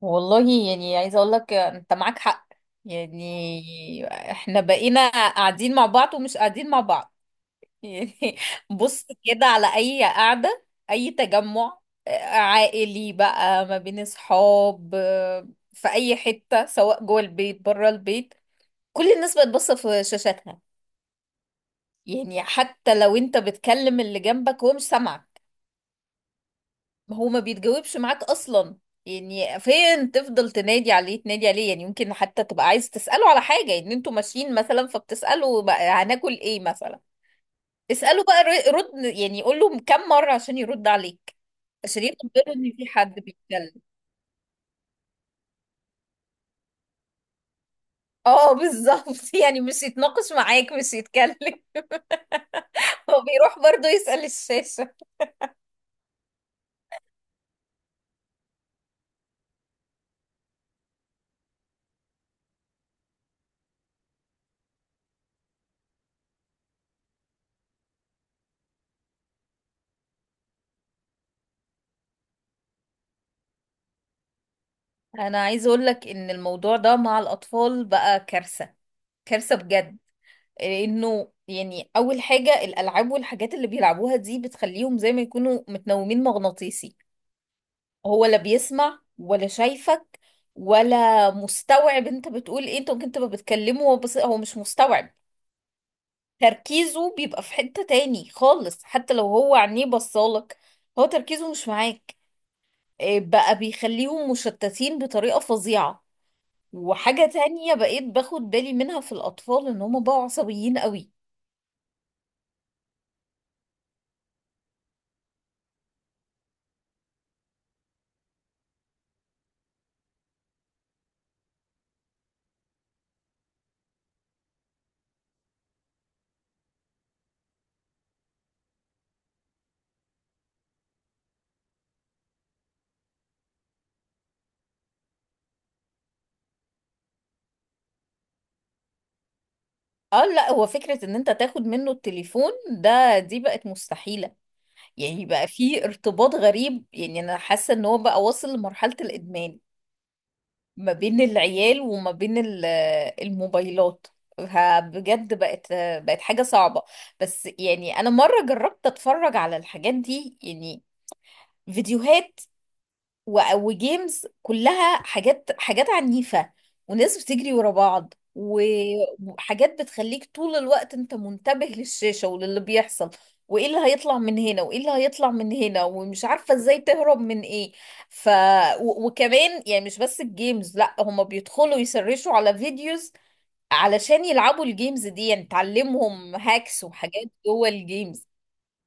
والله يعني عايزة اقول لك انت معاك حق. يعني احنا بقينا قاعدين مع بعض ومش قاعدين مع بعض. يعني بص كده على اي قعدة، اي تجمع عائلي بقى، ما بين اصحاب، في اي حتة، سواء جوه البيت بره البيت، كل الناس بقت باصة في شاشاتها. يعني حتى لو انت بتكلم اللي جنبك هو مش سامعك. ما هو ما بيتجاوبش معاك اصلا. يعني فين، تفضل تنادي عليه تنادي عليه. يعني يمكن حتى تبقى عايز تسأله على حاجة ان انتوا ماشيين مثلا، فبتسأله بقى هناكل ايه مثلا. اسأله بقى، رد، يعني يقول له كم مرة عشان يرد عليك، عشان ياخد باله ان في حد بيتكلم. اه بالظبط. يعني مش يتناقش معاك مش يتكلم. هو بيروح برضه يسأل الشاشة. انا عايز اقول لك ان الموضوع ده مع الاطفال بقى كارثة، كارثة بجد. انه يعني اول حاجة، الالعاب والحاجات اللي بيلعبوها دي بتخليهم زي ما يكونوا متنومين مغناطيسي. هو لا بيسمع ولا شايفك، ولا مستوعب انت بتقول ايه. انت ممكن تبقى بتكلمه هو بس هو مش مستوعب. تركيزه بيبقى في حتة تاني خالص، حتى لو هو عينيه بصالك هو تركيزه مش معاك. إيه بقى، بيخليهم مشتتين بطريقة فظيعة. وحاجة تانية بقيت باخد بالي منها في الأطفال، إن هما بقوا عصبيين قوي. اه لا، هو فكرة ان انت تاخد منه التليفون ده دي بقت مستحيلة. يعني بقى في ارتباط غريب، يعني انا حاسة ان هو بقى واصل لمرحلة الادمان ما بين العيال وما بين الموبايلات. ها، بجد بقت حاجة صعبة. بس يعني انا مرة جربت اتفرج على الحاجات دي، يعني فيديوهات وجيمز، كلها حاجات عنيفة، وناس بتجري ورا بعض وحاجات بتخليك طول الوقت انت منتبه للشاشة وللي بيحصل، وايه اللي هيطلع من هنا وايه اللي هيطلع من هنا، ومش عارفة ازاي تهرب من ايه. ف وكمان يعني مش بس الجيمز، لا، هما بيدخلوا يسرشوا على فيديوز علشان يلعبوا الجيمز دي. يعني تعلمهم هاكس وحاجات جوه الجيمز.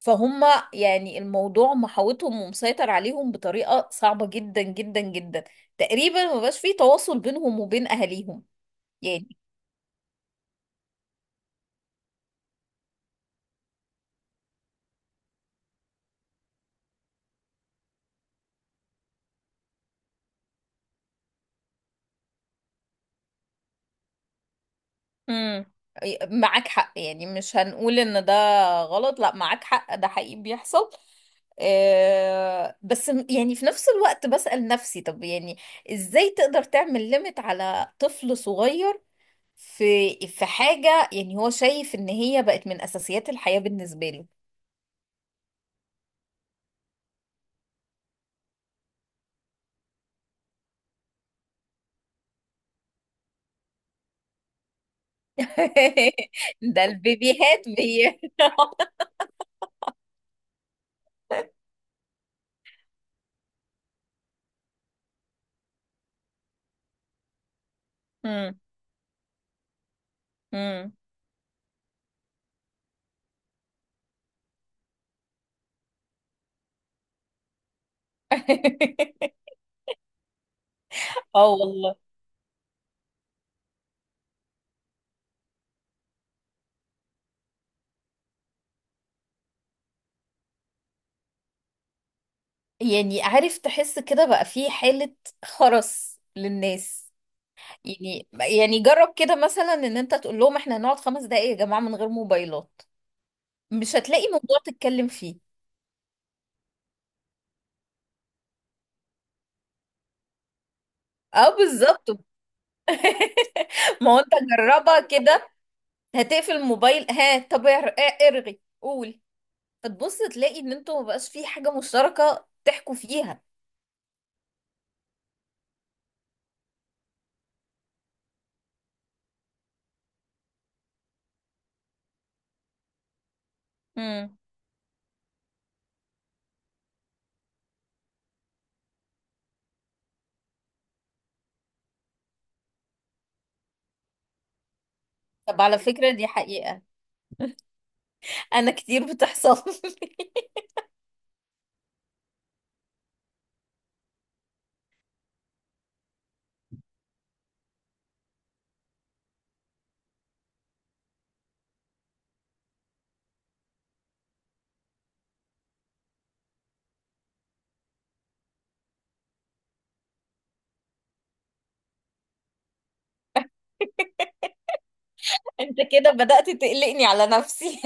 فهم يعني الموضوع محاوطهم ومسيطر عليهم بطريقة صعبة جدا جدا جدا. تقريبا ما بقاش فيه تواصل بينهم وبين أهاليهم. يعني امم معاك حق، يعني مش هنقول ان ده غلط. لا، معاك حق، ده حقيقي بيحصل. آه، بس يعني في نفس الوقت بسأل نفسي طب يعني ازاي تقدر تعمل ليميت على طفل صغير؟ في حاجة يعني هو شايف ان هي بقت من أساسيات الحياة بالنسبة له. ده البيبيهات مم. مم. اه والله. يعني عارف تحس كده بقى في حالة خرس للناس. يعني جرب كده مثلا ان انت تقول لهم احنا هنقعد 5 دقايق يا جماعة من غير موبايلات. مش هتلاقي موضوع تتكلم فيه. اه بالظبط. ما هو انت جربها كده. هتقفل الموبايل، ها طب ارغي قول. فتبص تلاقي ان انتوا مبقاش في حاجة مشتركة تحكوا فيها. طب على فكرة دي حقيقة، أنا كتير بتحصل لي. أنت كده بدأت تقلقني على نفسي.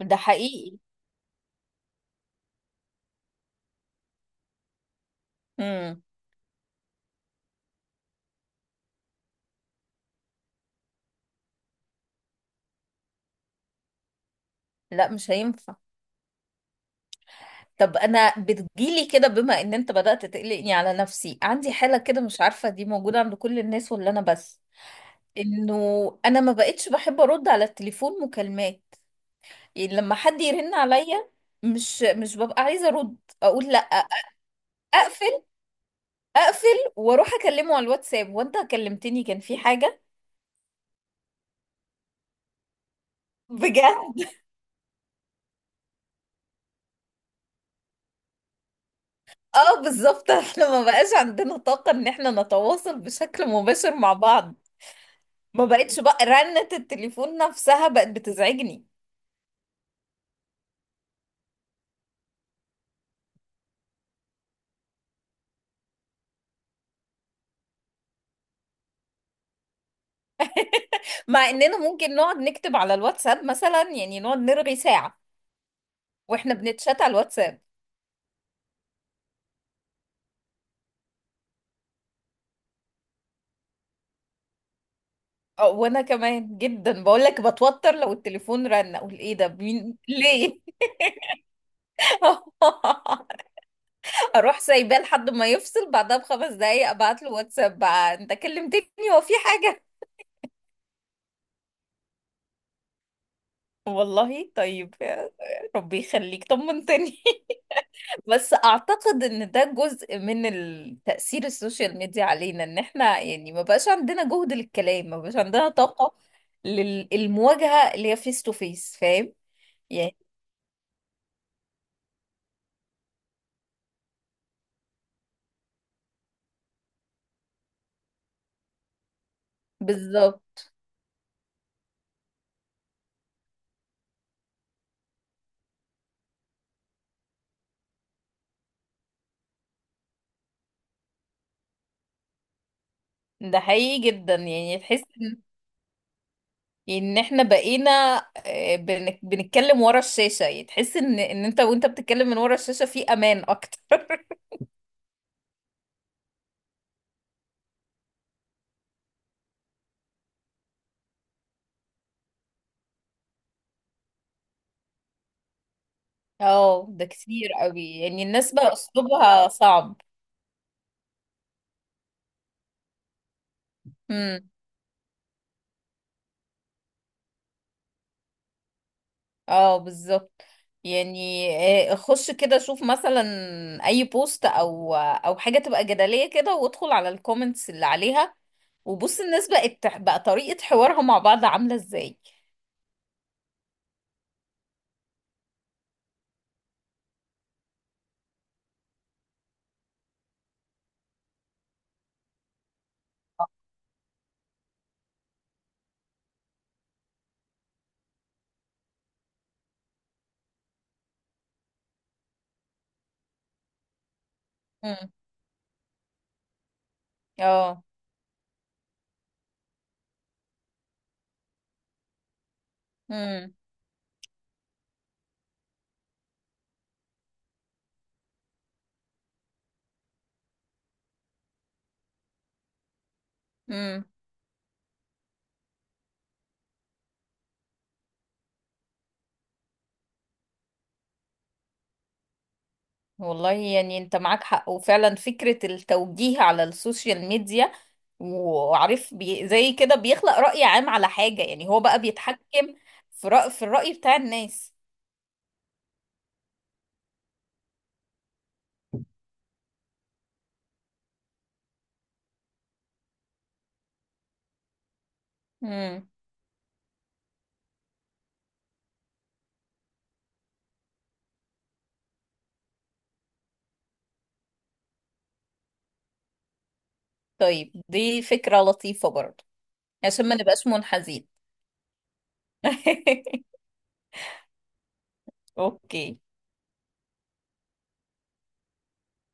ده حقيقي. امم. لا مش هينفع. طب أنا بتجيلي كده، بما إن أنت بدأت تقلقني على نفسي، عندي حالة كده مش عارفة دي موجودة عند كل الناس ولا أنا بس. إنه أنا ما بقتش بحب أرد على التليفون مكالمات. يعني لما حد يرن عليا، مش ببقى عايزة أرد. أقول لأ، أقفل. أقفل وأروح أكلمه على الواتساب. وأنت كلمتني كان في حاجة؟ بجد. اه بالظبط. احنا ما بقاش عندنا طاقة ان احنا نتواصل بشكل مباشر مع بعض. ما بقتش بقى رنة التليفون نفسها بقت بتزعجني. مع اننا ممكن نقعد نكتب على الواتساب مثلا، يعني نقعد نرغي ساعة واحنا بنتشات على الواتساب. اه وانا كمان جدا، بقول لك بتوتر لو التليفون رن اقول ايه ده مين ليه. اروح سايباه لحد ما يفصل، بعدها بـ5 دقايق ابعت له واتساب بقى انت كلمتني؟ هو في حاجة؟ والله طيب يا ربي يخليك طمنتني. بس اعتقد ان ده جزء من التأثير السوشيال ميديا علينا، ان احنا يعني ما بقاش عندنا جهد للكلام، ما بقاش عندنا طاقة للمواجهة اللي هي فيس تو فيس، فاهم؟ يعني بالظبط. ده حقيقي جدا. يعني تحس ان، يعني ان احنا بقينا بنتكلم ورا الشاشة. يعني تحس ان انت وانت بتتكلم من ورا الشاشة في امان اكتر. اه ده كتير قوي، يعني الناس بقى اسلوبها صعب. امم. اه بالظبط. يعني خش كده شوف مثلا اي بوست او حاجه تبقى جدليه كده وادخل على الكومنتس اللي عليها. وبص الناس بقت بقى طريقه حوارها مع بعض عامله ازاي. امم. اه. امم. والله يعني انت معاك حق. وفعلا فكرة التوجيه على السوشيال ميديا، وعارف بي زي كده، بيخلق رأي عام على حاجة. يعني هو بقى بيتحكم في الرأي بتاع الناس. امم طيب دي فكرة لطيفة برضه، عشان ما نبقاش منحازين. اوكي